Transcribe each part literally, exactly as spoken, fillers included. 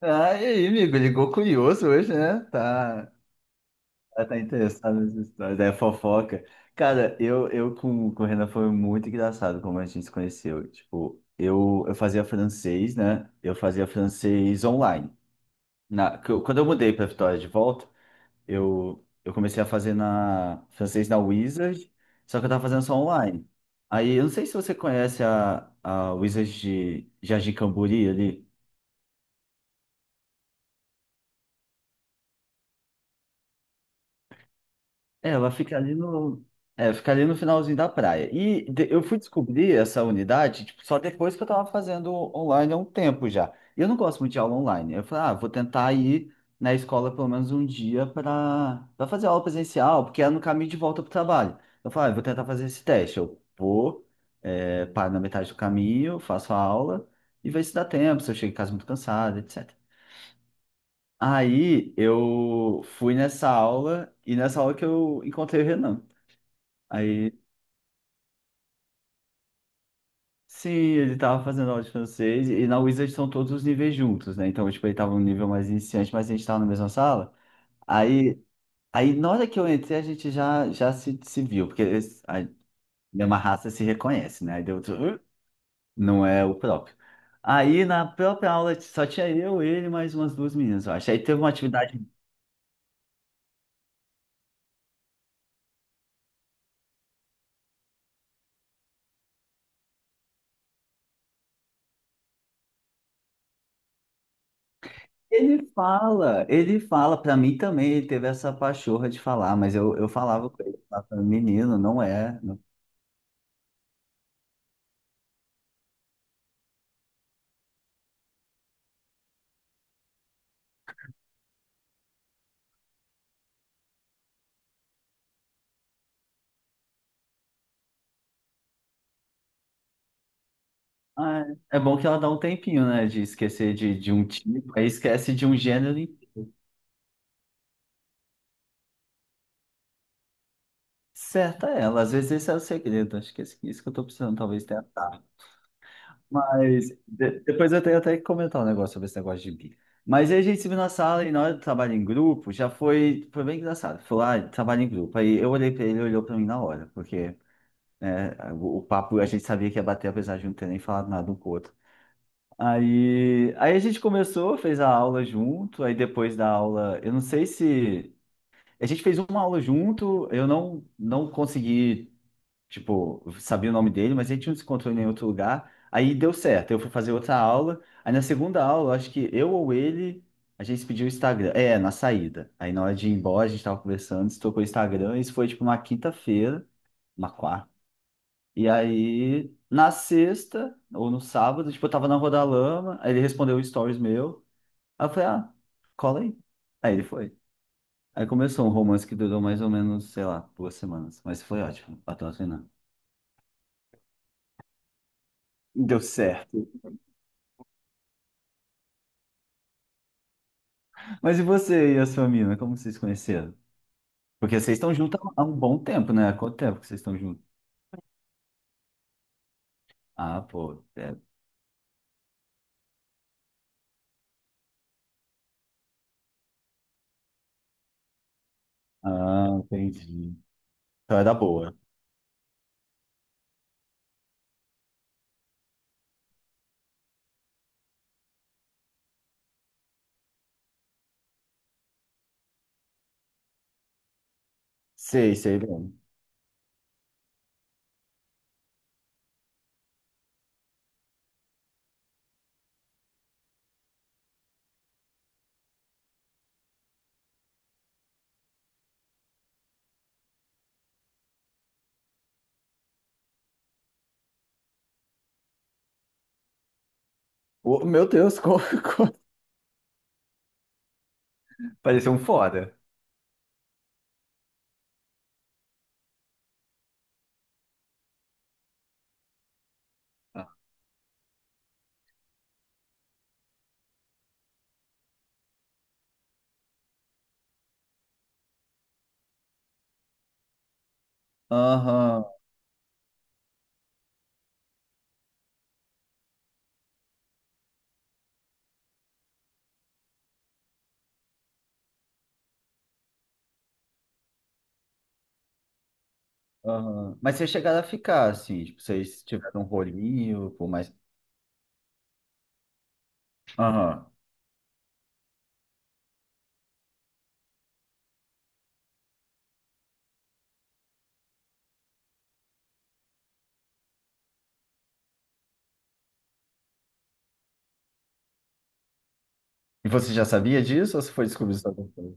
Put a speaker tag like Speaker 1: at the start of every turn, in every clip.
Speaker 1: Ah, e aí, amigo? Ligou curioso hoje, né? Tá, tá tá interessado nessa história, é fofoca. Cara, eu, eu com, com o Renan foi muito engraçado como a gente se conheceu. Tipo, eu, eu fazia francês, né? Eu fazia francês online. Na, que eu- quando eu mudei pra Vitória de volta, eu, eu comecei a fazer na, francês na Wizard, só que eu tava fazendo só online. Aí, eu não sei se você conhece a, a Wizard de Jardim Camburi ali. É, ela fica ali no, é, fica ali no finalzinho da praia. E de- eu fui descobrir essa unidade, tipo, só depois que eu tava fazendo online há um tempo já. E eu não gosto muito de aula online. Eu falei, ah, vou tentar ir na escola pelo menos um dia para para fazer aula presencial, porque é no caminho de volta pro trabalho. Eu falei, ah, eu vou tentar fazer esse teste. Eu vou, é, paro na metade do caminho, faço a aula e vejo se dá tempo, se eu chego em casa muito cansado, etcétera. Aí eu fui nessa aula e nessa aula que eu encontrei o Renan. Aí, sim, ele tava fazendo aula de francês e na Wizard são todos os níveis juntos, né? Então, tipo, ele tava no nível mais iniciante, mas a gente tava na mesma sala. Aí, aí na hora que eu entrei, a gente já, já se, se viu, porque eles- a mesma raça se reconhece, né? Aí deu, outro, "Hã? Não é o próprio." Aí na própria aula só tinha eu, ele e mais umas duas meninas, eu acho. Aí teve uma atividade. Ele fala, ele fala, pra mim também, ele teve essa pachorra de falar, mas eu, eu falava com ele, falava, menino, não é. Ah, é bom que ela dá um tempinho, né? De esquecer de, de um tipo, aí esquece de um gênero e certa ela. Às vezes esse é o segredo. Acho que esse- isso que eu tô precisando, talvez tenha. Tá. Mas de- depois eu tenho até que comentar um negócio sobre esse negócio de bi. Mas aí a gente se viu na sala e na hora do trabalho em grupo, já foi, foi bem engraçado. Foi lá, trabalho em grupo. Aí eu olhei pra ele, ele olhou pra mim na hora, porque né, o, o papo a gente sabia que ia bater, apesar de não ter nem falado nada um com o outro. Aí, aí a gente começou, fez a aula junto, aí depois da aula, eu não sei se a gente fez uma aula junto, eu não não consegui, tipo, sabia o nome dele, mas a gente não se encontrou em nenhum outro lugar. Aí deu certo, eu fui fazer outra aula. Aí na segunda aula, acho que eu ou ele, a gente se pediu o Instagram. É, na saída. Aí na hora de ir embora, a gente tava conversando, se tocou o Instagram, isso foi tipo uma quinta-feira, uma, e aí, na sexta, ou no sábado, tipo, eu tava na Rodalama, aí ele respondeu um stories meu. Aí eu falei, ah, cola aí. Aí ele foi. Aí começou um romance que durou mais ou menos, sei lá, duas semanas. Mas foi ótimo, patrocinando. Deu certo. Mas e você e a sua mina, como vocês se conheceram? Porque vocês estão juntos há um bom tempo, né? Há quanto tempo que vocês estão juntos? Ah, pô. É. Ah, entendi. Então é da boa. Sei, sei bem. Ô, meu Deus, como... como- Pareceu um foda. Aham. Aham. Mas vocês chegaram a ficar, assim, tipo, vocês tiveram um rolinho, por mais. Aham. E você já sabia disso ou você foi descobrir isso depois?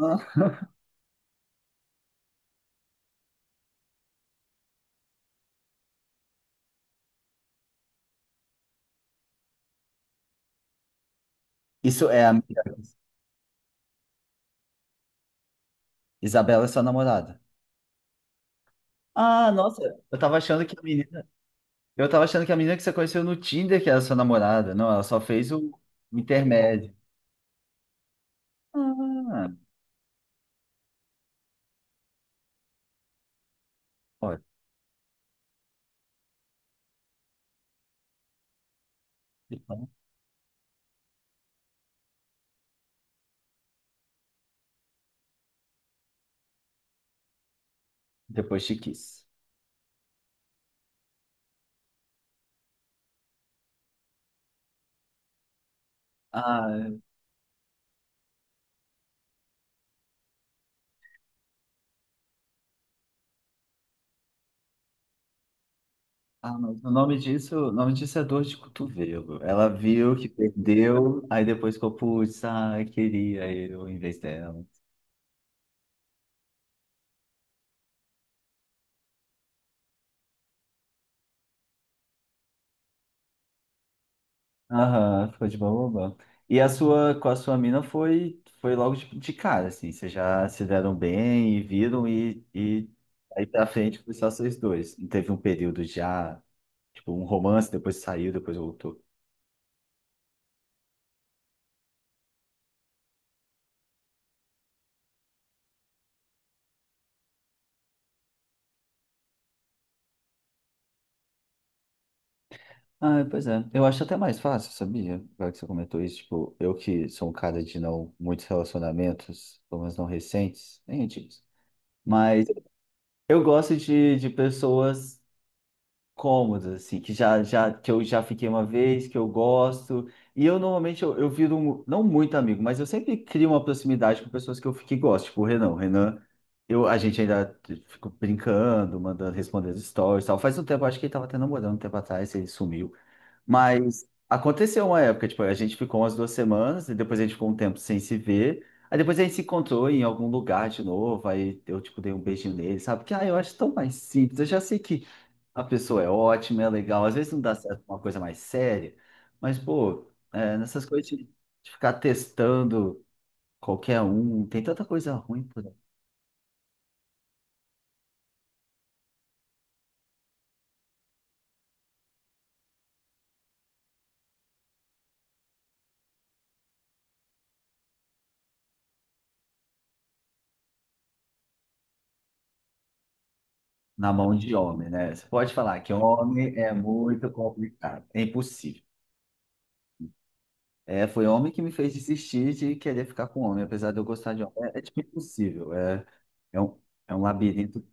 Speaker 1: Ah, isso é a amiga. Isabela é sua namorada. Ah, nossa, eu tava achando que a menina. Eu tava achando que a menina que você conheceu no Tinder que era sua namorada. Não, ela só fez o o intermédio. Ah, olha. Então, depois te quis. Ah, ah, mas o nome disso, o nome disso é dor de cotovelo. Ela viu que perdeu, aí depois ficou, putz, ah, queria eu em vez dela. Aham, ficou de boba. E a sua, com a sua mina foi, foi logo de, de cara, assim, vocês já se deram bem e viram e, e aí pra frente foi só vocês dois. Não teve um período já, tipo, um romance, depois saiu, depois voltou. Ah, pois é. Eu acho até mais fácil, sabia? Agora que você comentou isso, tipo, eu que sou um cara de não muitos relacionamentos, pelo menos não recentes, nem antigos. Mas eu gosto de, de pessoas cômodas, assim, que já, já, que eu já fiquei uma vez, que eu gosto. E eu normalmente eu, eu viro, um- não muito amigo, mas eu sempre crio uma proximidade com pessoas que eu fiquei gosto, tipo o Renan. O Renan, eu, a gente ainda fica brincando, mandando respondendo stories e tal. Faz um tempo, acho que ele tava até namorando um tempo atrás, ele sumiu. Mas aconteceu uma época, tipo, a gente ficou umas duas semanas, e depois a gente ficou um tempo sem se ver. Aí depois a gente se encontrou em algum lugar de novo, aí eu, tipo, dei um beijinho nele, sabe? Que, ah, eu acho tão mais simples, eu já sei que a pessoa é ótima, é legal, às vezes não dá certo uma coisa mais séria, mas, pô, é, nessas coisas de, de ficar testando qualquer um, tem tanta coisa ruim por aí na mão de homem, né? Você pode falar que homem é muito complicado, é impossível. É, foi homem que me fez desistir de querer ficar com homem, apesar de eu gostar de homem. É, é tipo impossível, é, é um, é um labirinto.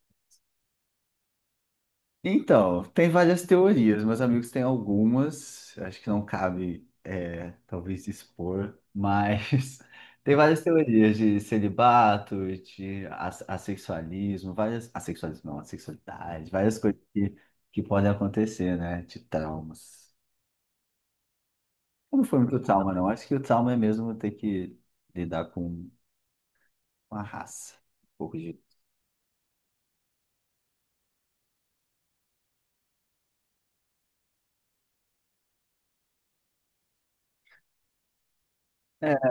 Speaker 1: Então, tem várias teorias, meus amigos têm algumas, acho que não cabe, é, talvez expor, mas tem várias teorias de celibato, de as- assexualismo, várias, assexualismo não, assexualidade, várias coisas que, que podem acontecer, né, de traumas. Não foi muito trauma, não, acho que o trauma é mesmo ter que lidar com uma raça. Um pouco de. É, é,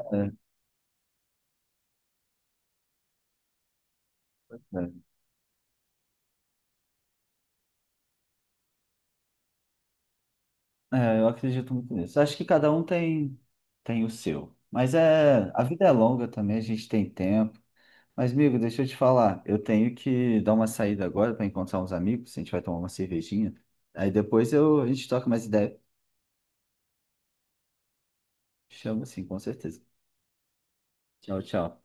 Speaker 1: é, É, eu acredito muito nisso. Acho que cada um tem, tem o seu. Mas é, a vida é longa também, a gente tem tempo. Mas, amigo, deixa eu te falar. Eu tenho que dar uma saída agora para encontrar uns amigos. A gente vai tomar uma cervejinha. Aí depois eu, a gente toca mais ideia. Chama sim, com certeza. Tchau, tchau.